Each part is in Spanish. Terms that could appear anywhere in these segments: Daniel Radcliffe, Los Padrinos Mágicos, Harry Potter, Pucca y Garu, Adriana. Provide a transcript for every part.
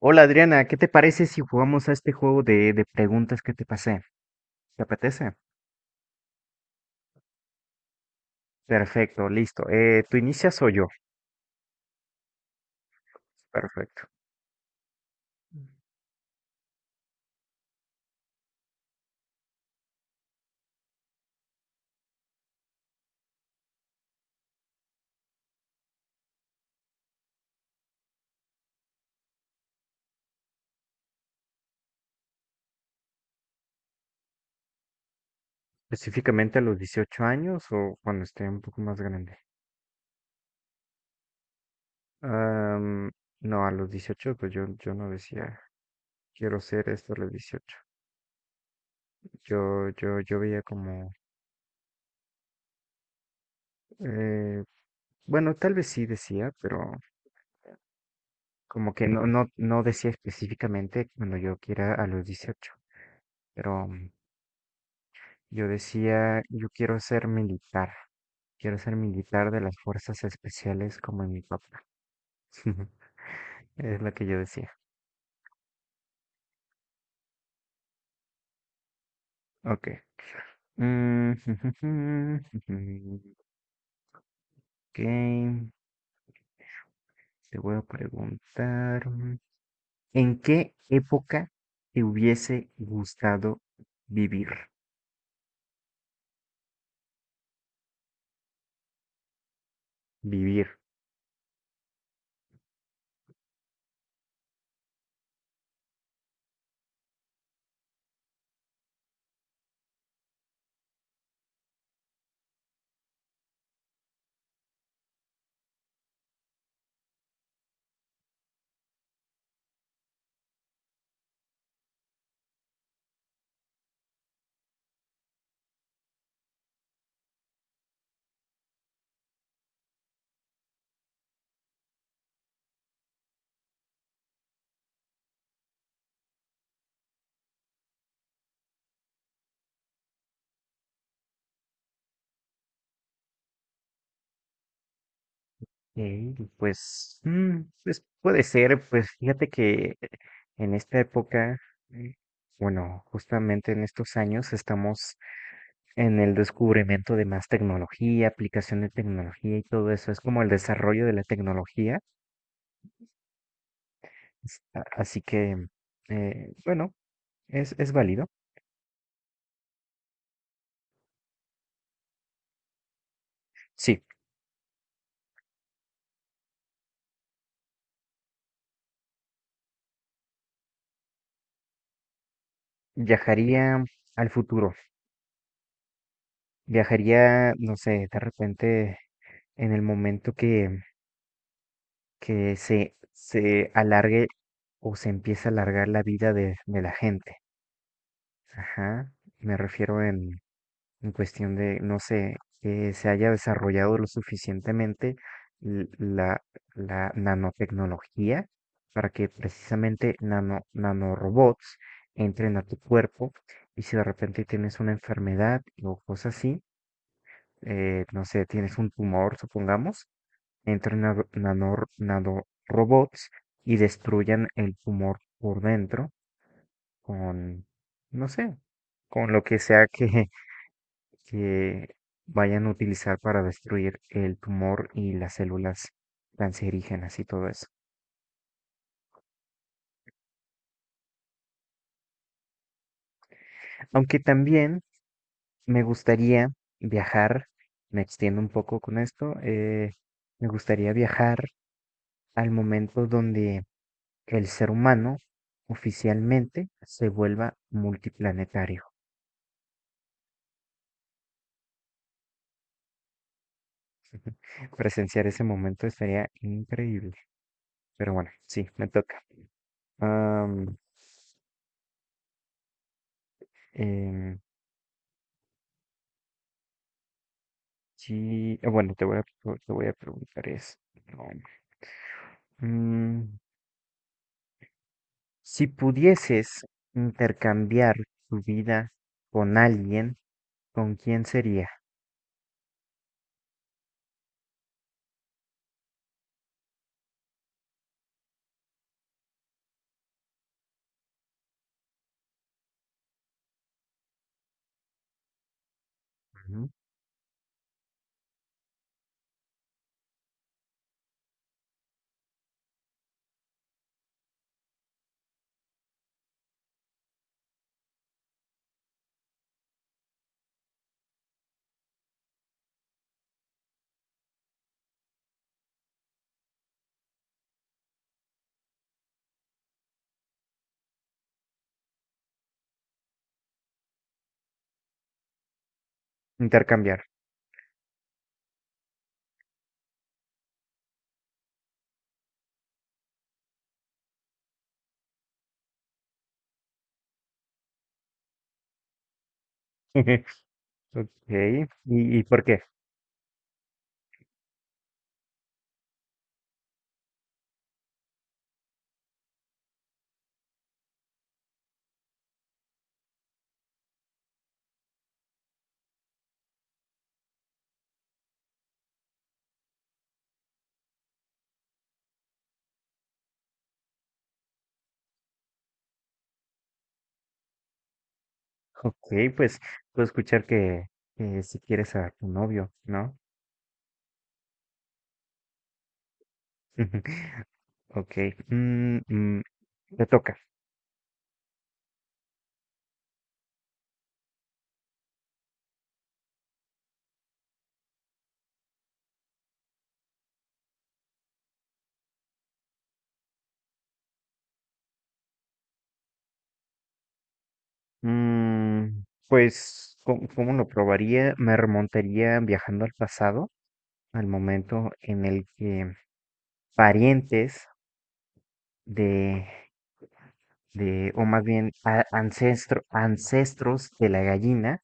Hola Adriana, ¿qué te parece si jugamos a este juego de preguntas que te pasé? ¿Te apetece? Perfecto, listo. ¿Tú inicias o yo? Perfecto. Específicamente a los 18 años o cuando esté un poco más grande. Am, no, a los 18, pues yo no decía, quiero ser esto a los 18. Yo veía como, eh, bueno, tal vez sí decía, pero como que no decía específicamente cuando yo quiera a los 18. Pero yo decía, yo quiero ser militar de las fuerzas especiales como en mi papá. Es lo que yo decía. Ok. Mm. Ok, te voy a preguntar, ¿en qué época te hubiese gustado vivir? Vivir. Mm, pues, pues puede ser, pues fíjate que en esta época, mm, bueno, justamente en estos años estamos en el descubrimiento de más tecnología, aplicación de tecnología y todo eso, es como el desarrollo de la tecnología, así que, bueno, es válido. Sí, viajaría al futuro, viajaría, no sé, de repente en el momento que se alargue o se empiece a alargar la vida de la gente. Ajá. Me refiero en cuestión de, no sé, que se haya desarrollado lo suficientemente l- la, la nanotecnología para que precisamente nanorobots entren a tu cuerpo y si de repente tienes una enfermedad o cosas así, no sé, tienes un tumor, supongamos, entren nanorobots y destruyan el tumor por dentro con, no sé, con lo que sea que vayan a utilizar para destruir el tumor y las células cancerígenas y todo eso. Aunque también me gustaría viajar, me extiendo un poco con esto, me gustaría viajar al momento donde el ser humano oficialmente se vuelva multiplanetario. Presenciar ese momento sería increíble. Pero bueno, sí, me toca. Am, em, sí, bueno, te voy a preguntar esto. ¿No? Mm, si pudieses intercambiar tu vida con alguien, ¿con quién sería? Ujú. Intercambiar. Ok, ¿ y por qué? Ok, pues puedo escuchar que si quieres a tu novio, ¿no? Ok, mm, mm, te toca. Mm, pues, ¿ cómo lo probaría? Me remontaría viajando al pasado, al momento en el que parientes de, o más bien ancestros de la gallina,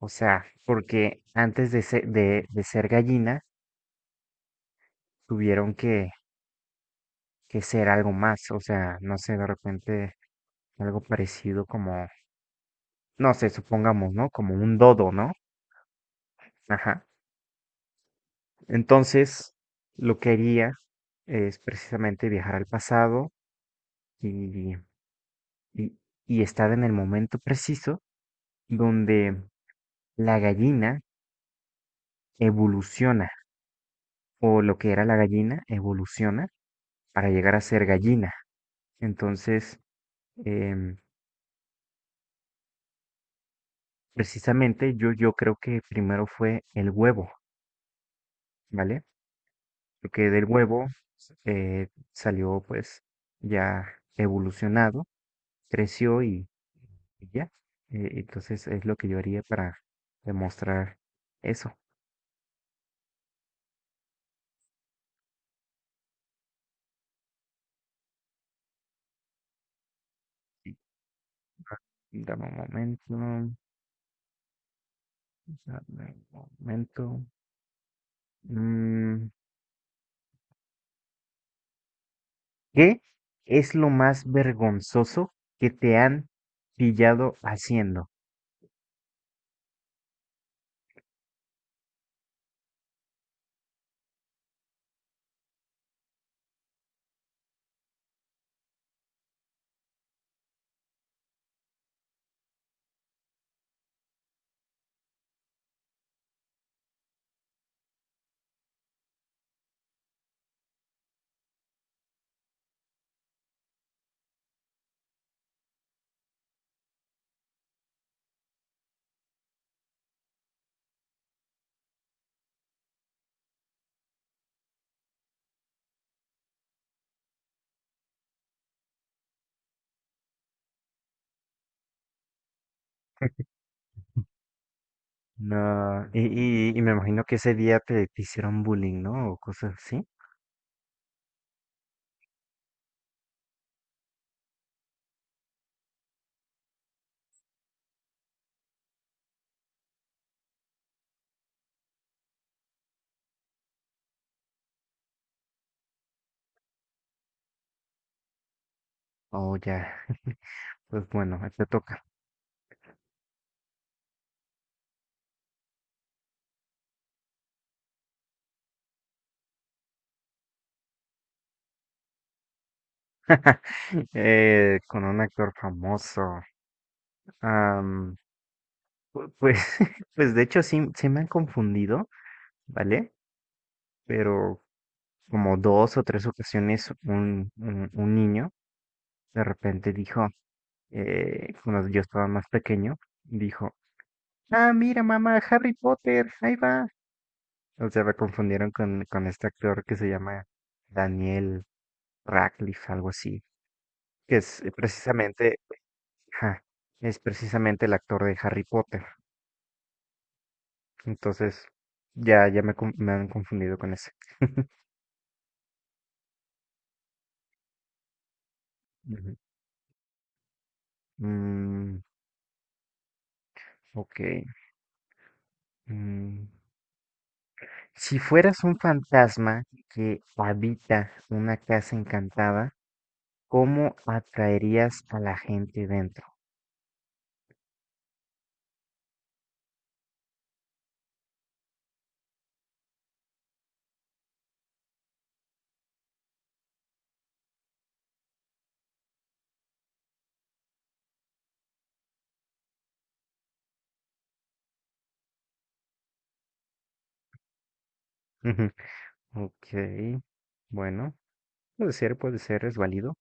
o sea, porque antes de ser, de ser gallina, tuvieron que, que ser algo más, o sea, no sé, de repente algo parecido como, no sé, supongamos, ¿no? Como un dodo, ¿no? Ajá. Entonces, lo que haría es precisamente viajar al pasado y, y- y estar en el momento preciso donde la gallina evoluciona, o lo que era la gallina evoluciona para llegar a ser gallina. Entonces, em, precisamente yo creo que primero fue el huevo, ¿vale? Porque del huevo eh, salió pues ya evolucionado, creció. Y ya, entonces es lo que yo haría para demostrar eso. Sí, ah, dame un momento, dame un momento. Mm, ¿qué es lo más vergonzoso que te han pillado haciendo? No, y me imagino que ese día te hicieron bullying, ¿no? O cosas así. O ya, pues bueno, te toca. Con un actor famoso. Pues, pues de hecho sí, sí me han confundido, ¿vale? Pero como dos o tres ocasiones un niño de repente dijo, cuando yo estaba más pequeño, dijo, ah, mira mamá, Harry Potter, ahí va. O sea, me confundieron con este actor que se llama Daniel Radcliffe, algo así, que es precisamente, ajá, es precisamente el actor de Harry Potter. Entonces, me han confundido con ese. Ujú. Mm, ok. Mm. Si fueras un fantasma que habita una casa encantada, ¿cómo atraerías a la gente dentro? Ok. Bueno, puede ser, es válido.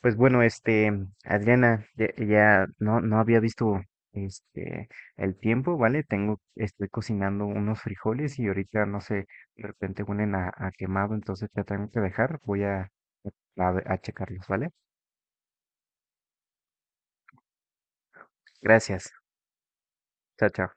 Pues bueno, este, Adriana, ya no había visto este el tiempo, ¿vale? Tengo, estoy cocinando unos frijoles y ahorita, no sé, de repente huelen a quemado, entonces ya tengo que dejar. A checarlos, ¿vale? Gracias. Chao, chao.